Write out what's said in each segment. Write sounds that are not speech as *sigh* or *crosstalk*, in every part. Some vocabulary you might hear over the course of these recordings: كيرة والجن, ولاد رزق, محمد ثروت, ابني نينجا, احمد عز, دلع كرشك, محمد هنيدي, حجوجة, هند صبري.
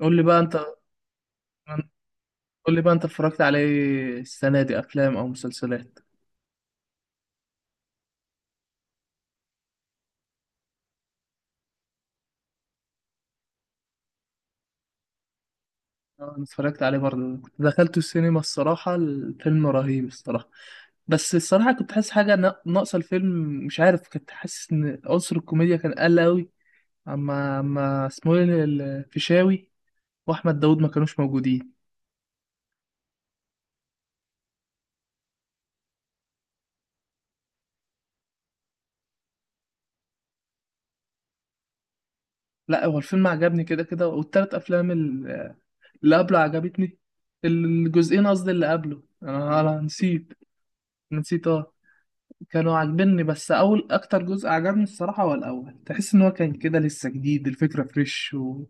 قول لي بقى انت قول لي بقى انت اتفرجت عليه السنة دي افلام او مسلسلات؟ اه، انا اتفرجت عليه برضه، كنت دخلته السينما. الصراحة الفيلم رهيب الصراحة. بس الصراحة كنت حاسس حاجة ناقصة الفيلم. مش عارف، كنت حاسس ان عنصر الكوميديا كان قل قوي. اما اسمه ايه الفيشاوي واحمد داود ما كانوش موجودين. لا، هو الفيلم عجبني كده كده، والتلات افلام اللي قبله عجبتني. الجزئين قصدي اللي قبله، أنا نسيت. أنا نسيت، اه. كانوا عاجبني، بس اول اكتر جزء عجبني الصراحه هو الاول، تحس ان هو كان كده لسه جديد، الفكره فريش.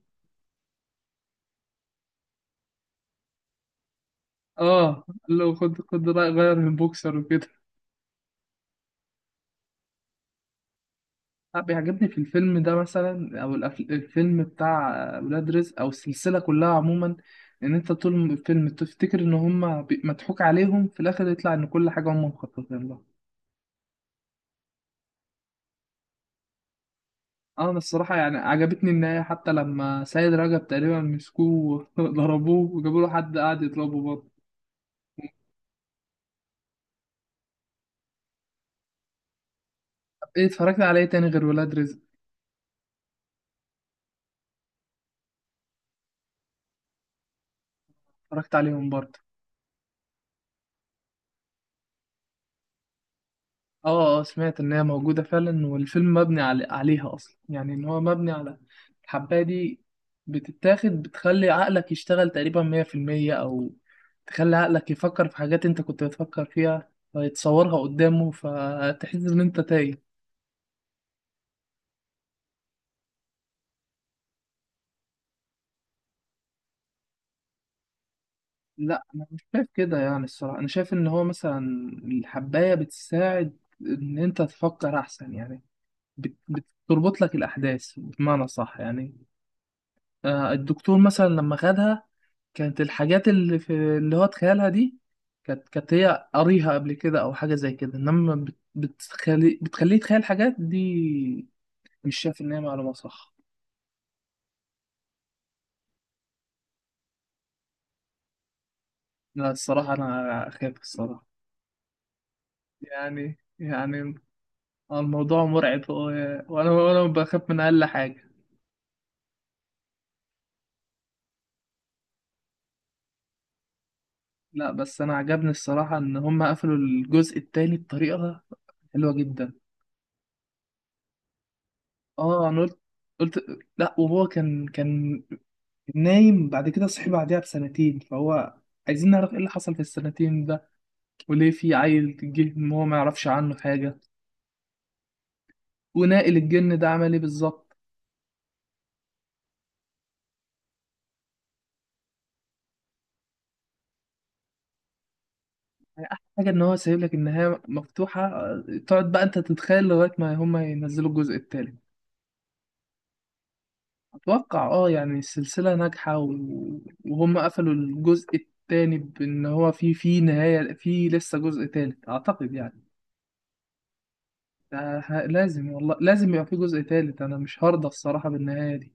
اه، لو خد رأي غير من بوكسر وكده. لا، بيعجبني في الفيلم ده مثلا او الفيلم بتاع ولاد رزق او السلسله كلها عموما، ان انت طول الفيلم تفتكر ان هما مضحوك عليهم، في الاخر يطلع ان كل حاجه هما مخططين لها. اه، انا الصراحه يعني عجبتني النهايه، حتى لما سيد رجب تقريبا مسكوه *laughs* وضربوه وجابوا له حد قاعد يضربه برضه. ايه اتفرجت على ايه تاني غير ولاد رزق؟ اتفرجت عليهم برضه. اه، اه، سمعت ان هي موجودة فعلا والفيلم مبني عليها اصلا، يعني ان هو مبني على الحباية دي. بتتاخد بتخلي عقلك يشتغل تقريبا مية في المية، او تخلي عقلك يفكر في حاجات انت كنت بتفكر فيها فيتصورها قدامه، فتحس ان انت تايه. لا، انا مش شايف كده يعني. الصراحة انا شايف ان هو مثلا الحباية بتساعد ان انت تفكر احسن يعني، بتربط لك الاحداث بمعنى صح يعني. آه، الدكتور مثلا لما خدها، كانت الحاجات اللي هو اتخيلها دي، كانت هي قاريها قبل كده او حاجه زي كده، انما بتخليه يتخيل حاجات دي. مش شايف ان هي معلومه صح. لا، الصراحه انا اخاف، الصراحه يعني الموضوع مرعب وانا بخاف من اقل حاجه. لا، بس انا عجبني الصراحه ان هم قفلوا الجزء التاني بطريقه حلوه جدا. اه، انا قلت لا، وهو كان نايم، بعد كده صحي بعدها بسنتين، فهو عايزين نعرف ايه اللي حصل في السنتين ده، وليه في عيل جه ما هو ما يعرفش عنه حاجة، وناقل الجن ده عمل ايه بالظبط. يعني احلى حاجة ان هو سايب لك النهاية مفتوحة، آه، تقعد بقى انت تتخيل لغاية ما هما ينزلوا الجزء التالت. اتوقع اه يعني السلسلة ناجحة، وهم قفلوا الجزء التاني بان هو في نهاية، في لسه جزء تالت اعتقد يعني. ده لازم، والله لازم يبقى في جزء تالت، انا مش هرضى الصراحة بالنهاية دي.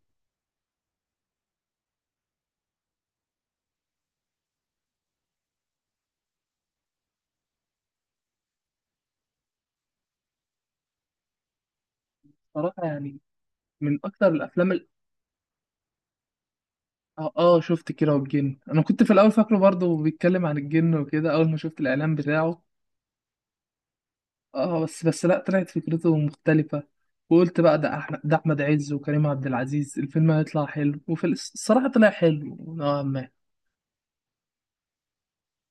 صراحة يعني، من اكتر الافلام اه، آه، شفت كيرة والجن. انا كنت في الاول فاكره برضه بيتكلم عن الجن وكده، اول ما شفت الاعلان بتاعه. اه، بس لا، طلعت فكرته مختلفة. وقلت بقى ده احمد عز وكريم عبد العزيز الفيلم هيطلع حلو، وفي الصراحة طلع حلو نوعا ما.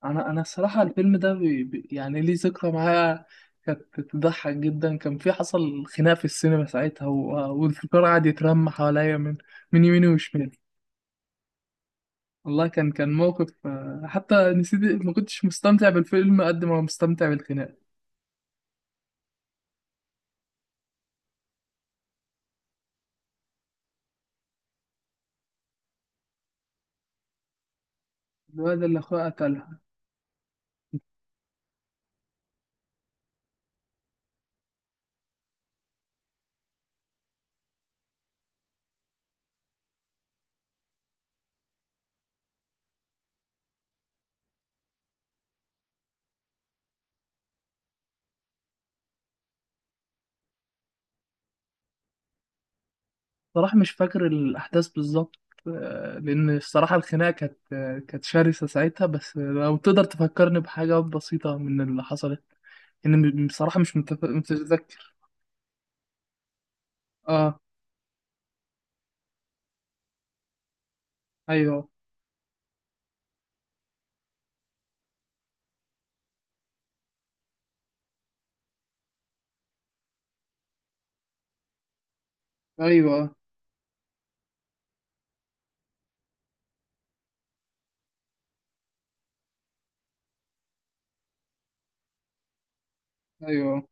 انا الصراحة الفيلم ده يعني ليه ذكرى معايا. كانت تضحك جدا، كان في حصل خناق في السينما ساعتها. والفكرة قعد يترمى حواليا من يمين وشمال. والله كان موقف، آه، حتى نسيت. ما كنتش مستمتع بالفيلم قد ما مستمتع بالخناقة. الواد اللي أخوه قتلها. صراحة مش فاكر الأحداث بالظبط. آه، لأن الصراحة الخناقة كانت شرسة ساعتها، بس لو تقدر تفكرني بحاجة بسيطة من اللي حصلت. إن بصراحة مش متذكر. آه، أيوه، أيوه، أيوه.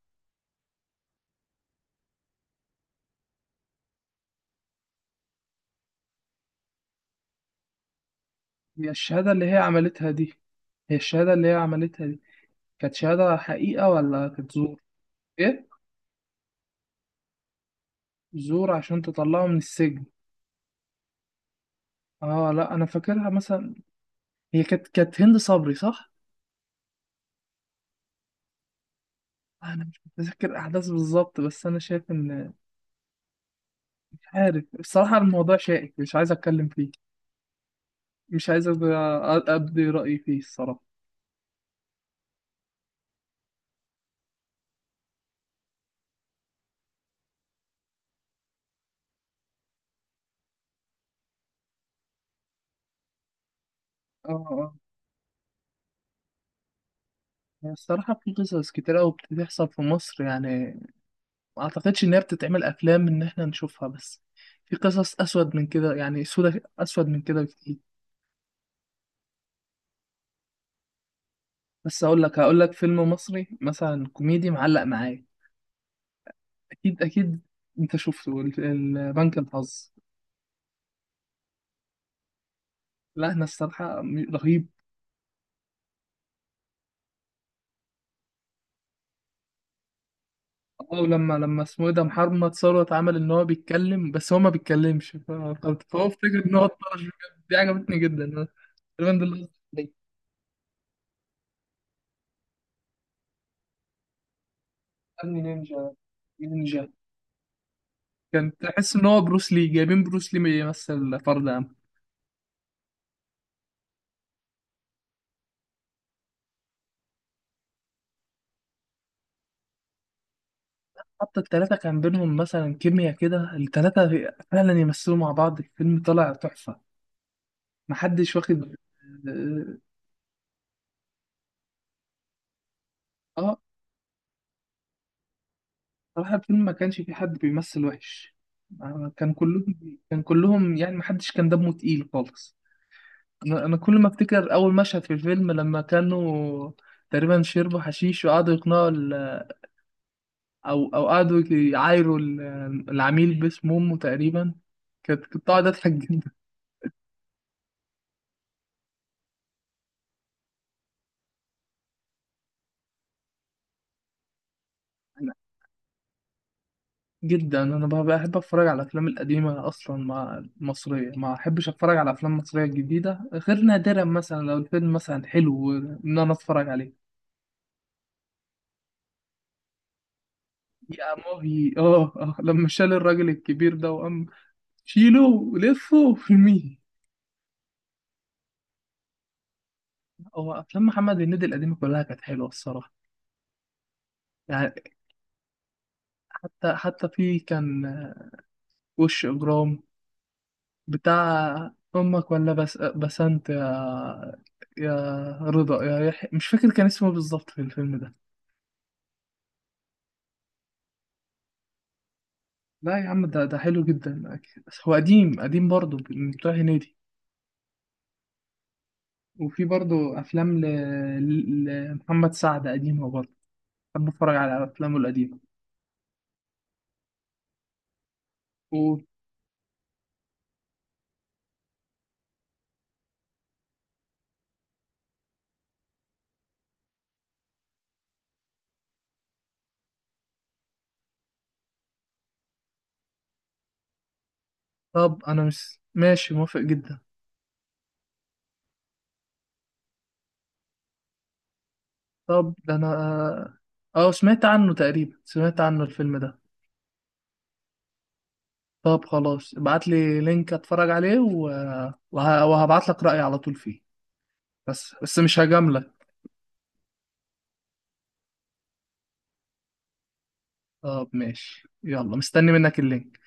هي الشهادة اللي هي عملتها دي هي الشهادة اللي هي عملتها دي كانت شهادة حقيقة ولا كانت زور؟ إيه؟ زور عشان تطلعه من السجن. اه، لا، انا فاكرها مثلا. هي كانت هند صبري، صح؟ آه، انا مش متذكر احداث بالظبط، بس انا شايف ان، مش عارف الصراحه، الموضوع شائك، مش عايز اتكلم فيه. مش عايز ابدي رايي فيه الصراحه. اه، اه، يعني الصراحه في قصص كتير قوي بتحصل في مصر يعني. ما اعتقدش ان هي بتتعمل افلام ان احنا نشوفها، بس في قصص اسود من كده يعني اسود من كده كتير. بس اقول لك هقول لك فيلم مصري مثلا كوميدي معلق معايا. اكيد، اكيد. انت شفته البنك الحظ؟ لا، احنا الصراحة رهيب. اه، ولما اسمه ايه ده محمد ثروت عمل ان هو بيتكلم بس هو ما بيتكلمش، فهو افتكر ان هو اتطرش بجد. دي عجبتني جدا انا. تقريبا ده اللي قصدي عليه. ابني نينجا، نينجا. كان تحس ان هو بروس لي، جايبين بروس لي يمثل فرد عام. حتى التلاتة كان بينهم مثلا كيميا كده، التلاتة فعلا يمثلوا مع بعض، الفيلم طلع تحفة. محدش واخد. اه، صراحة الفيلم ما كانش فيه حد بيمثل وحش. آه، كان كلهم، كان كلهم يعني، ما حدش كان دمه تقيل خالص. أنا كل ما أفتكر أول مشهد في الفيلم، لما كانوا تقريبا شربوا حشيش، وقعدوا يقنعوا أو قعدوا يعايروا العميل باسم أمه تقريبا. كنت قاعد أضحك جدا. جدا، أنا بحب أتفرج على الأفلام القديمة أصلا. مع المصرية، ما أحبش أتفرج على أفلام مصرية جديدة غير نادرا مثلا لو الفيلم مثلا حلو إن أنا أتفرج عليه. يا ماهي، اه، اه، لما شال الراجل الكبير ده وقام شيله لفه في المية. هو افلام محمد هنيدي القديمه كلها كانت حلوه الصراحه، يعني، حتى في كان، آه، وش اجرام بتاع امك، ولا بسنت، يا يا رضا، يا يحيى، مش فاكر كان اسمه إيه بالظبط في الفيلم ده. لا يا عم، ده حلو جدا أكيد. بس هو قديم قديم برضه من بتوع هنيدي. وفي برضه افلام ل- لمحمد سعد قديمه برضه. بحب اتفرج على افلامه القديمه. قول. طب انا مش ماشي موافق جدا. طب ده انا، اه، سمعت عنه الفيلم ده. طب خلاص ابعت لي لينك اتفرج عليه، وهبعت لك رأيي على طول فيه. بس مش هجاملك. طب ماشي، يلا، مستني منك اللينك.